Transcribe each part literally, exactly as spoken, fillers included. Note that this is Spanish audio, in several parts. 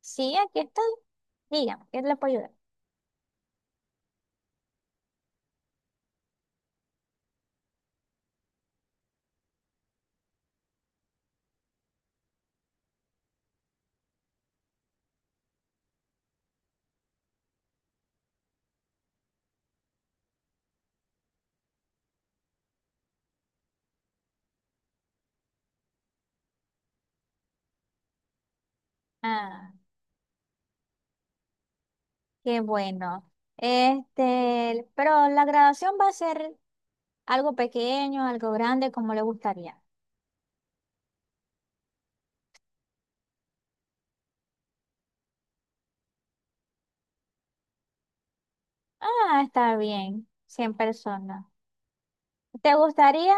Sí, aquí estoy. Dígame, ¿qué le puedo ayudar? Ah, qué bueno. Este, pero la graduación va a ser algo pequeño, algo grande, como le gustaría? Ah, está bien, cien personas. ¿Te gustaría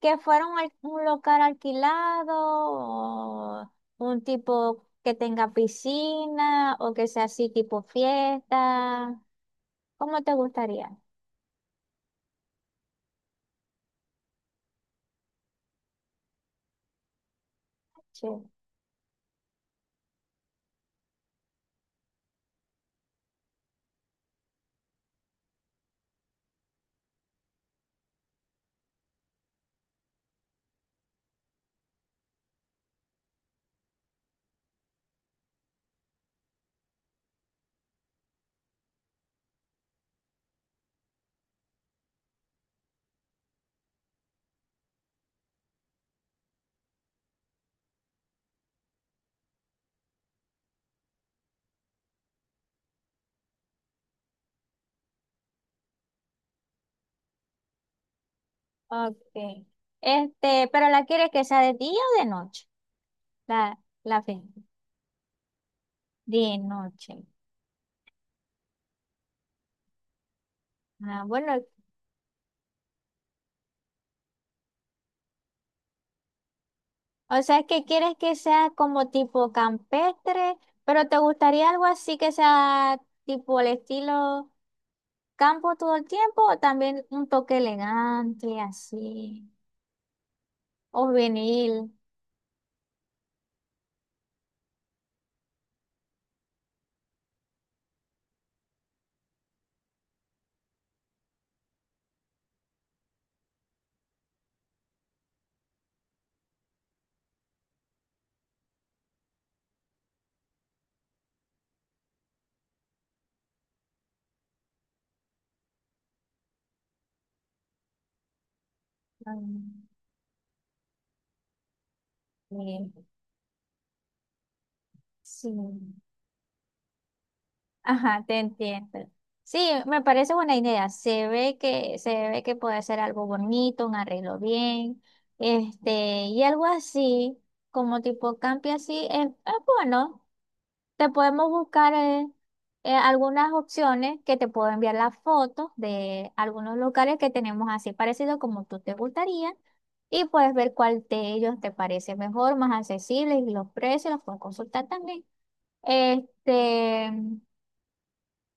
que fuera un, al- un local alquilado o un tipo que tenga piscina o que sea así tipo fiesta? ¿Cómo te gustaría? Sí. Ok. Este, pero ¿la quieres que sea de día o de noche? La, la fe De noche. Ah, bueno, o sea, que quieres que sea como tipo campestre, pero ¿te gustaría algo así que sea tipo el estilo campo todo el tiempo o también un toque elegante así? O vinil. Ah, eh, sí. Ajá, te entiendo. Sí, me parece buena idea. Se ve que, se ve que puede ser algo bonito, un arreglo bien, este, y algo así, como tipo campi así, es, es bueno. Te podemos buscar eh, eh, algunas opciones que te puedo enviar las fotos de algunos lugares que tenemos así parecido como tú te gustaría. Y puedes ver cuál de ellos te parece mejor, más accesible, y los precios los puedes consultar también. Este.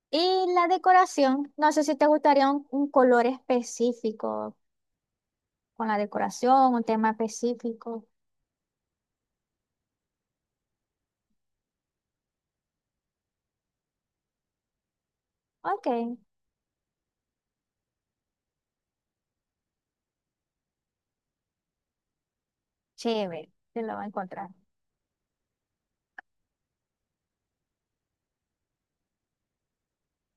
Y la decoración, no sé si te gustaría un, un color específico con la decoración, un tema específico. Ok, chévere, te lo va a encontrar.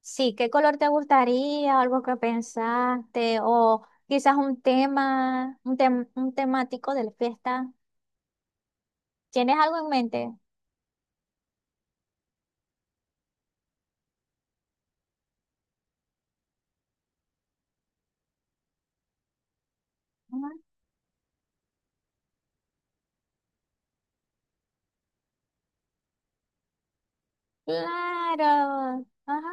Sí, ¿qué color te gustaría? ¿Algo que pensaste? O quizás un tema, un, tem- un temático de la fiesta. ¿Tienes algo en mente? Ajá. Claro, ajá,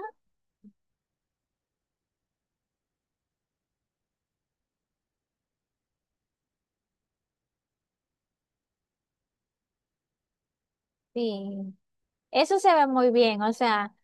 sí. Eso se ve muy bien, o sea,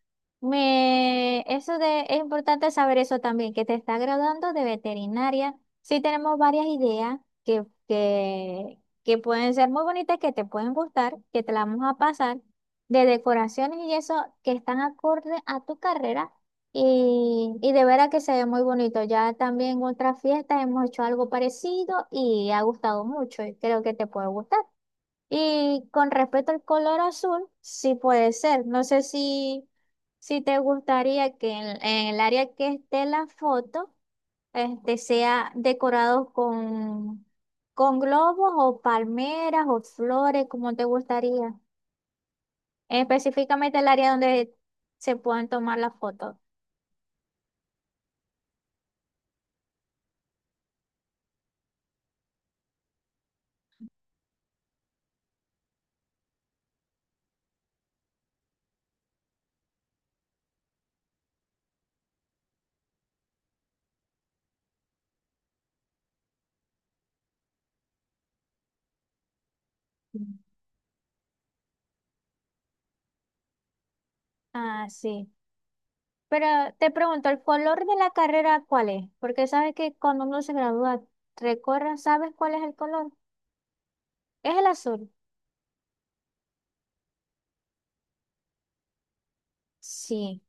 me, eso de, es importante saber eso también, que te está graduando de veterinaria. Sí tenemos varias ideas que, que, que pueden ser muy bonitas, que te pueden gustar, que te las vamos a pasar, de decoraciones y eso que están acorde a tu carrera y, y de veras que se ve muy bonito. Ya también en otras fiestas hemos hecho algo parecido y ha gustado mucho y creo que te puede gustar. Y con respecto al color azul, sí puede ser. No sé si, si te gustaría que en, en el área que esté la foto, este, sea decorado con, con globos o palmeras o flores, como te gustaría. Específicamente el área donde se puedan tomar las fotos. Mm. Ah, sí. Pero te pregunto, ¿el color de la carrera cuál es? Porque sabes que cuando uno se gradúa, recorre, ¿sabes cuál es el color? Es el azul. Sí.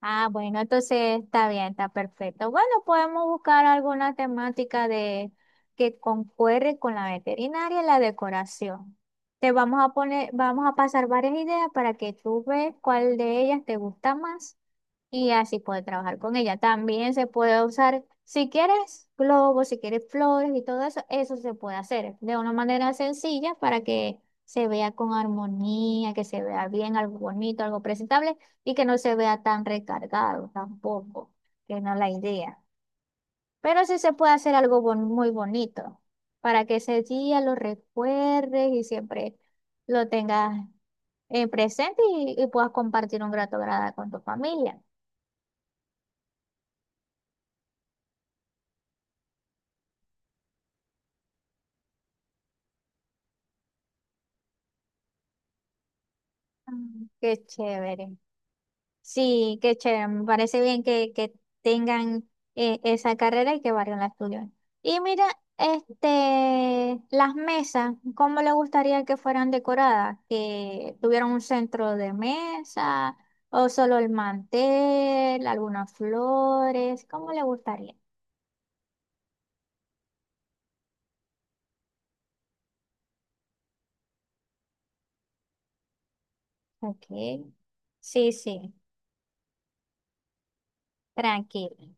Ah, bueno, entonces está bien, está perfecto. Bueno, podemos buscar alguna temática de que concuerde con la veterinaria y la decoración. Te vamos a poner, Vamos a pasar varias ideas para que tú veas cuál de ellas te gusta más y así puedes trabajar con ella. También se puede usar, si quieres globos, si quieres flores y todo eso, eso se puede hacer de una manera sencilla para que se vea con armonía, que se vea bien, algo bonito, algo presentable y que no se vea tan recargado tampoco, que no es la idea. Pero sí se puede hacer algo bon- muy bonito para que ese día lo recuerdes y siempre lo tengas en presente y, y puedas compartir un grato grada con tu familia. Mm. Qué chévere. Sí, qué chévere, me parece bien que, que tengan eh, esa carrera y que varios la estudien. Y mira, este, las mesas, ¿cómo le gustaría que fueran decoradas? ¿Que tuvieran un centro de mesa o solo el mantel, algunas flores? ¿Cómo le gustaría? Ok, sí, sí, tranquilo.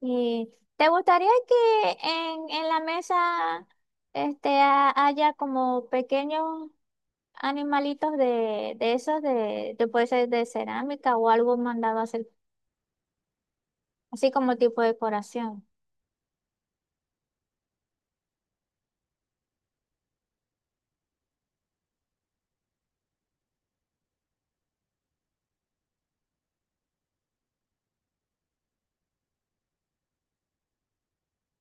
¿Y te gustaría que en, en la mesa este, ha- haya como pequeños animalitos de, de esos, de, de- puede ser de cerámica o algo mandado a hacer, así como tipo de decoración?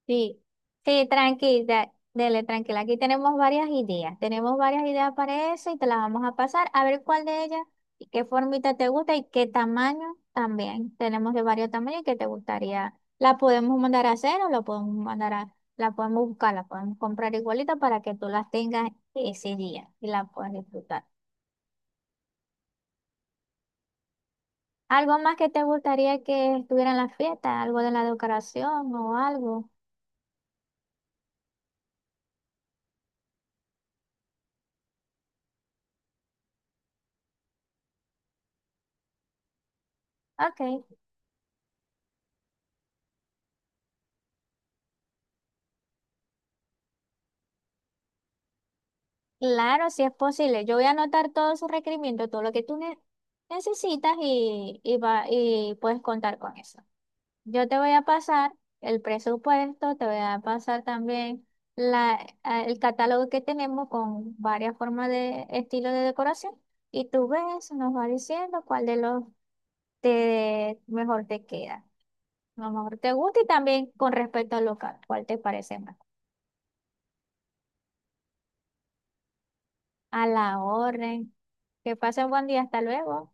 Sí, sí, tranquila, dele, tranquila. Aquí tenemos varias ideas. Tenemos varias ideas para eso y te las vamos a pasar a ver cuál de ellas y qué formita te gusta y qué tamaño también. Tenemos de varios tamaños que te gustaría. La podemos mandar a hacer o la podemos mandar a, la podemos buscar, la podemos comprar igualita para que tú las tengas ese día y la puedas disfrutar. ¿Algo más que te gustaría que estuviera en la fiesta? ¿Algo de la decoración o algo? Ok, claro, si es posible. Yo voy a anotar todos sus requerimientos, todo lo que tú ne- necesitas y, y, va, y puedes contar con eso. Yo te voy a pasar el presupuesto, te voy a pasar también la, a- el catálogo que tenemos con varias formas de estilo de decoración y tú ves, nos va diciendo cuál de los te, mejor te queda. Lo mejor te gusta y también con respecto al local, ¿cuál te parece más? A la orden. Que pasen buen día, hasta luego.